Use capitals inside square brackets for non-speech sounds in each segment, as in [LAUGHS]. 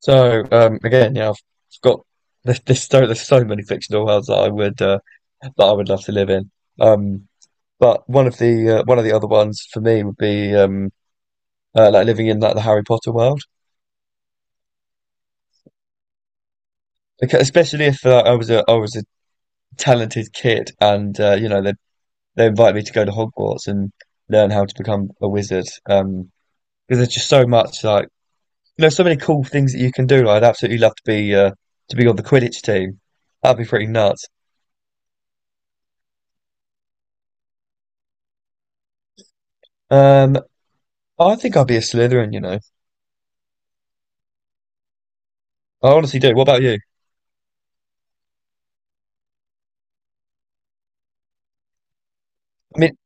So again, yeah, I've got there's so many fictional worlds that I would love to live in. Um, but one of the other ones for me would be like living in like the Harry Potter world, because especially if I was a talented kid and you know they invite me to go to Hogwarts and learn how to become a wizard. Because there's just so much like you know so many cool things that you can do. Like, I'd absolutely love to be on the Quidditch team. That'd be pretty nuts. Um, I think I'll be a Slytherin, you know. I honestly do. What about you? I mean,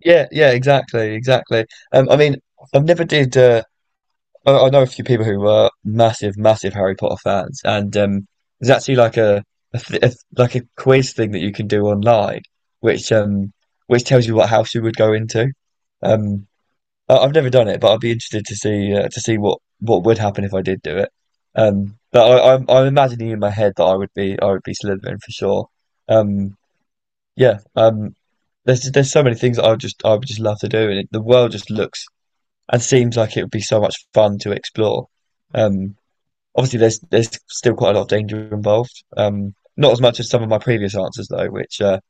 yeah, yeah, exactly, exactly. I mean, I've never did. I know a few people who were massive Harry Potter fans, and there's actually like a like a quiz thing that you can do online, which um, which tells you what house you would go into. Um, I've never done it, but I'd be interested to see what would happen if I did do it. But I'm imagining in my head that I would be Slytherin for sure. Um. Yeah, there's so many things I would just love to do, and it, the world just looks and seems like it would be so much fun to explore. Um, Obviously, there's still quite a lot of danger involved. Not as much as some of my previous answers though, which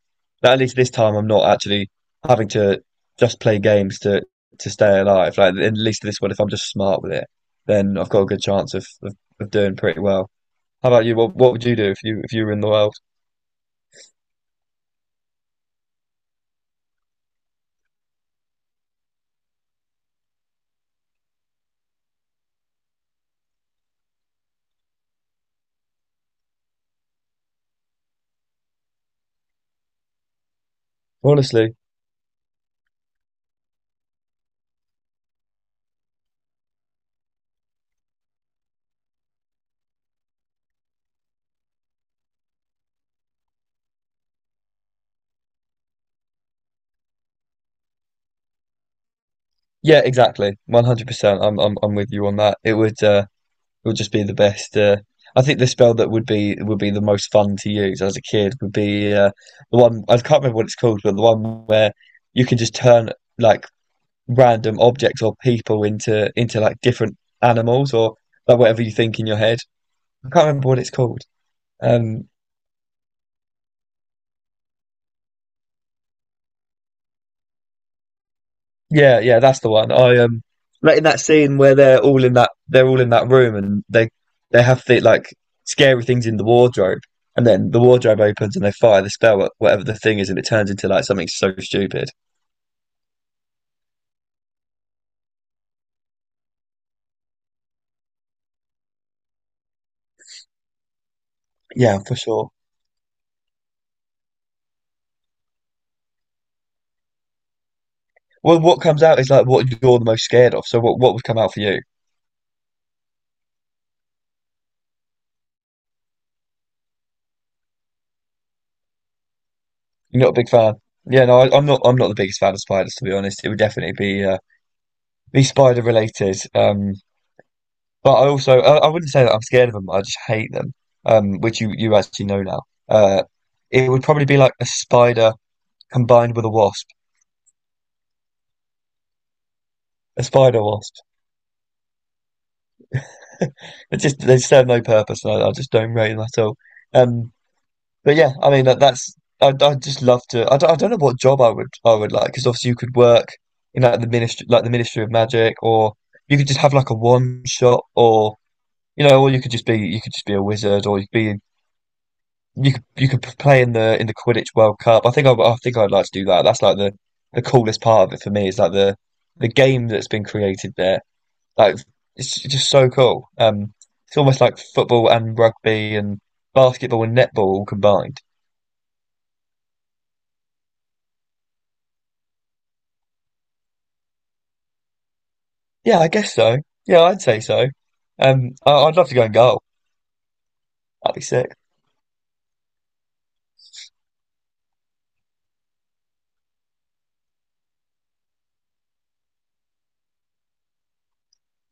that at least this time I'm not actually having to just play games to stay alive. Like at least this one, if I'm just smart with it, then I've got a good chance of doing pretty well. How about you? What would you do if you were in the world? Honestly. Yeah, exactly. 100%. I'm with you on that. It would just be the best. I think the spell that would be the most fun to use as a kid would be the one I can't remember what it's called, but the one where you can just turn like random objects or people into like different animals or like whatever you think in your head. I can't remember what it's called. Um Yeah, yeah, that's the one. I Like in that scene where they're all in that room and they have the like scary things in the wardrobe, and then the wardrobe opens and they fire the spell at whatever the thing is and it turns into like something so stupid. Yeah, for sure. Well, what comes out is like what you're the most scared of. So what would come out for you? You're not a big fan. Yeah, no, I'm not. I'm not the biggest fan of spiders, to be honest. It would definitely be spider related. But I also I wouldn't say that I'm scared of them. I just hate them, which you actually know now. Uh, it would probably be like a spider combined with a wasp, a spider wasp. [LAUGHS] It just they just serve no purpose, and I just don't rate them at all. Um, but yeah, I mean that, that's I just love to. I don't know what job I would like because obviously you could work in like the ministry, like the Ministry of Magic, or you could just have like a wand shop, or you know, or you could just be you could just be a wizard, or you could be you could play in the Quidditch World Cup. I think I'd like to do that. That's like the coolest part of it for me is like the game that's been created there. Like it's just so cool. It's almost like football and rugby and basketball and netball all combined. Yeah, I guess so. Yeah, I'd say so. I'd love to go and goal. That'd be sick.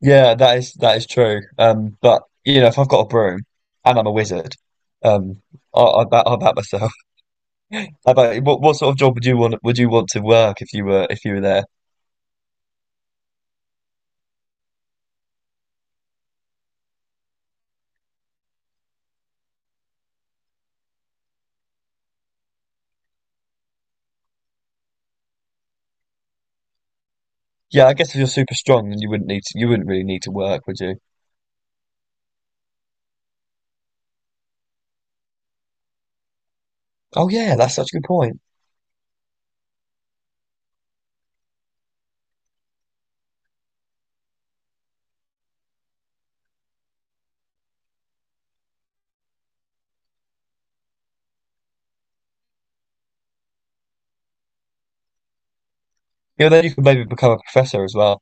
Yeah, that is true. But you know, if I've got a broom and I'm a wizard, um, I bat myself. How about what sort of job would you want to work if you were there? Yeah, I guess if you're super strong, then you wouldn't need to, you wouldn't really need to work, would you? Oh yeah, that's such a good point. Yeah, then you could maybe become a professor as well.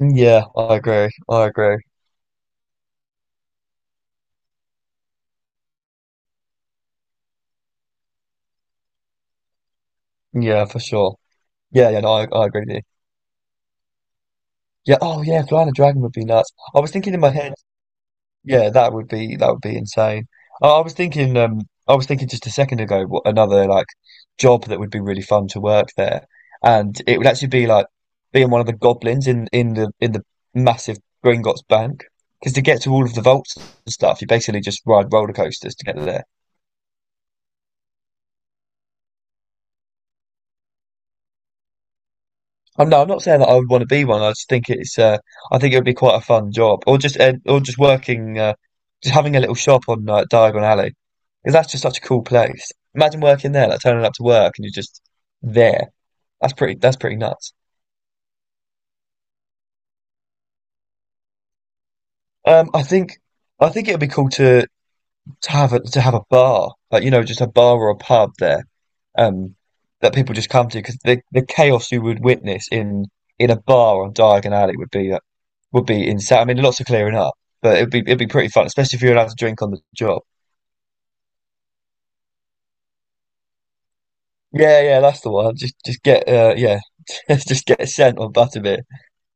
Mm, yeah, I agree. I agree. Yeah, for sure. Yeah, yeah, no, I agree with you. Yeah, oh yeah, flying a dragon would be nuts. I was thinking in my head. Yeah, that would be insane. I, I was thinking, um, I was thinking just a second ago, what another like job that would be really fun to work there, and it would actually be like being one of the goblins in the massive Gringotts Bank. Because to get to all of the vaults and stuff, you basically just ride roller coasters to get there. I'm no, I'm not saying that I would want to be one. I think it would be quite a fun job, or just working, just having a little shop on Diagon Alley, because that's just such a cool place. Imagine working there, like turning up to work and you're just there. That's pretty nuts. I think I think it would be cool to have a bar, like you know, just a bar or a pub there, um, that people just come to because the chaos you would witness in a bar on Diagon Alley would be insane. I mean, lots of clearing up, but it'd be pretty fun, especially if you're allowed to drink on the job. Yeah, yeah, that's the one. Just get yeah, [LAUGHS] just get sent on butterbeer.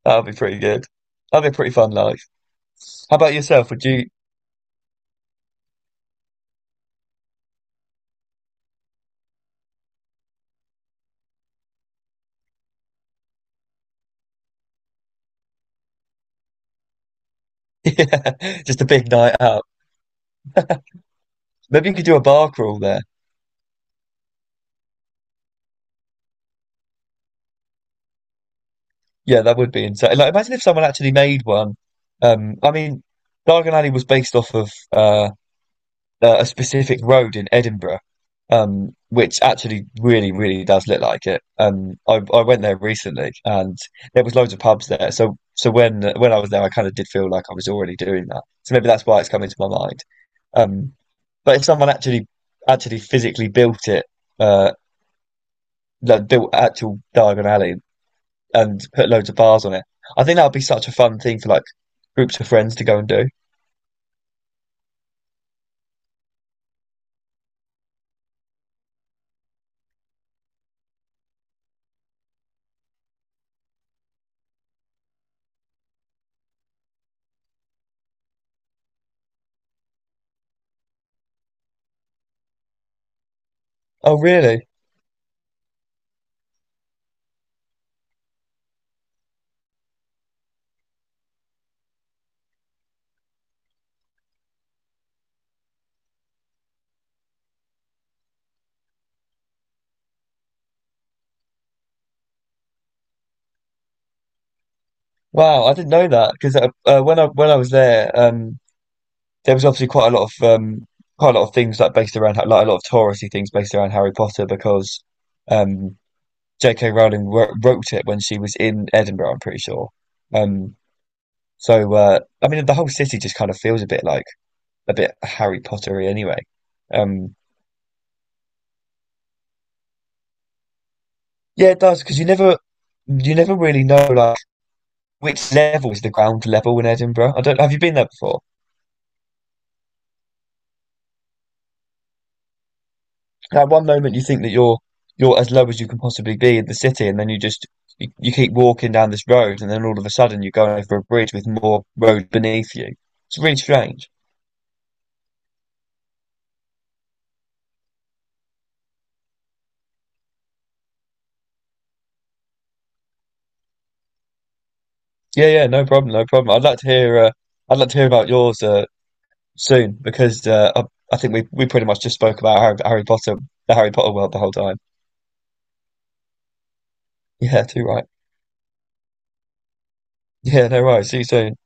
That would be pretty good. That'd be a pretty fun life. How about yourself? Would you? [LAUGHS] Yeah, just a big night out. Maybe you could do a bar crawl there. Yeah, that would be insane. Like, imagine if someone actually made one. I mean, Diagon Alley was based off of a specific road in Edinburgh, which actually really, really does look like it. I went there recently, and there was loads of pubs there. So when I was there, I kind of did feel like I was already doing that. So maybe that's why it's come into my mind. Um, but if someone actually physically built it, uh, like built actual Diagon Alley and put loads of bars on it. I think that would be such a fun thing for like groups of friends to go and do. Oh, really? Wow, I didn't know that because when I was there, there was obviously quite a lot of quite a lot of things like based around like a lot of touristy things based around Harry Potter because um, J.K. Rowling wrote it when she was in Edinburgh, I'm pretty sure. Um, so I mean, the whole city just kind of feels a bit like a bit Harry Pottery anyway. Um, yeah, it does because you never really know like which level is the ground level in Edinburgh? I don't. Have you been there before? At one moment you think that you're as low as you can possibly be in the city, and then you just you keep walking down this road, and then all of a sudden you're going over a bridge with more road beneath you. It's really strange. Yeah, yeah, no problem, no problem. I'd like to hear. I'd like to hear about yours soon because I think we pretty much just spoke about Harry Potter, the Harry Potter world the whole time. Yeah, too right. Yeah, no worries. See you soon.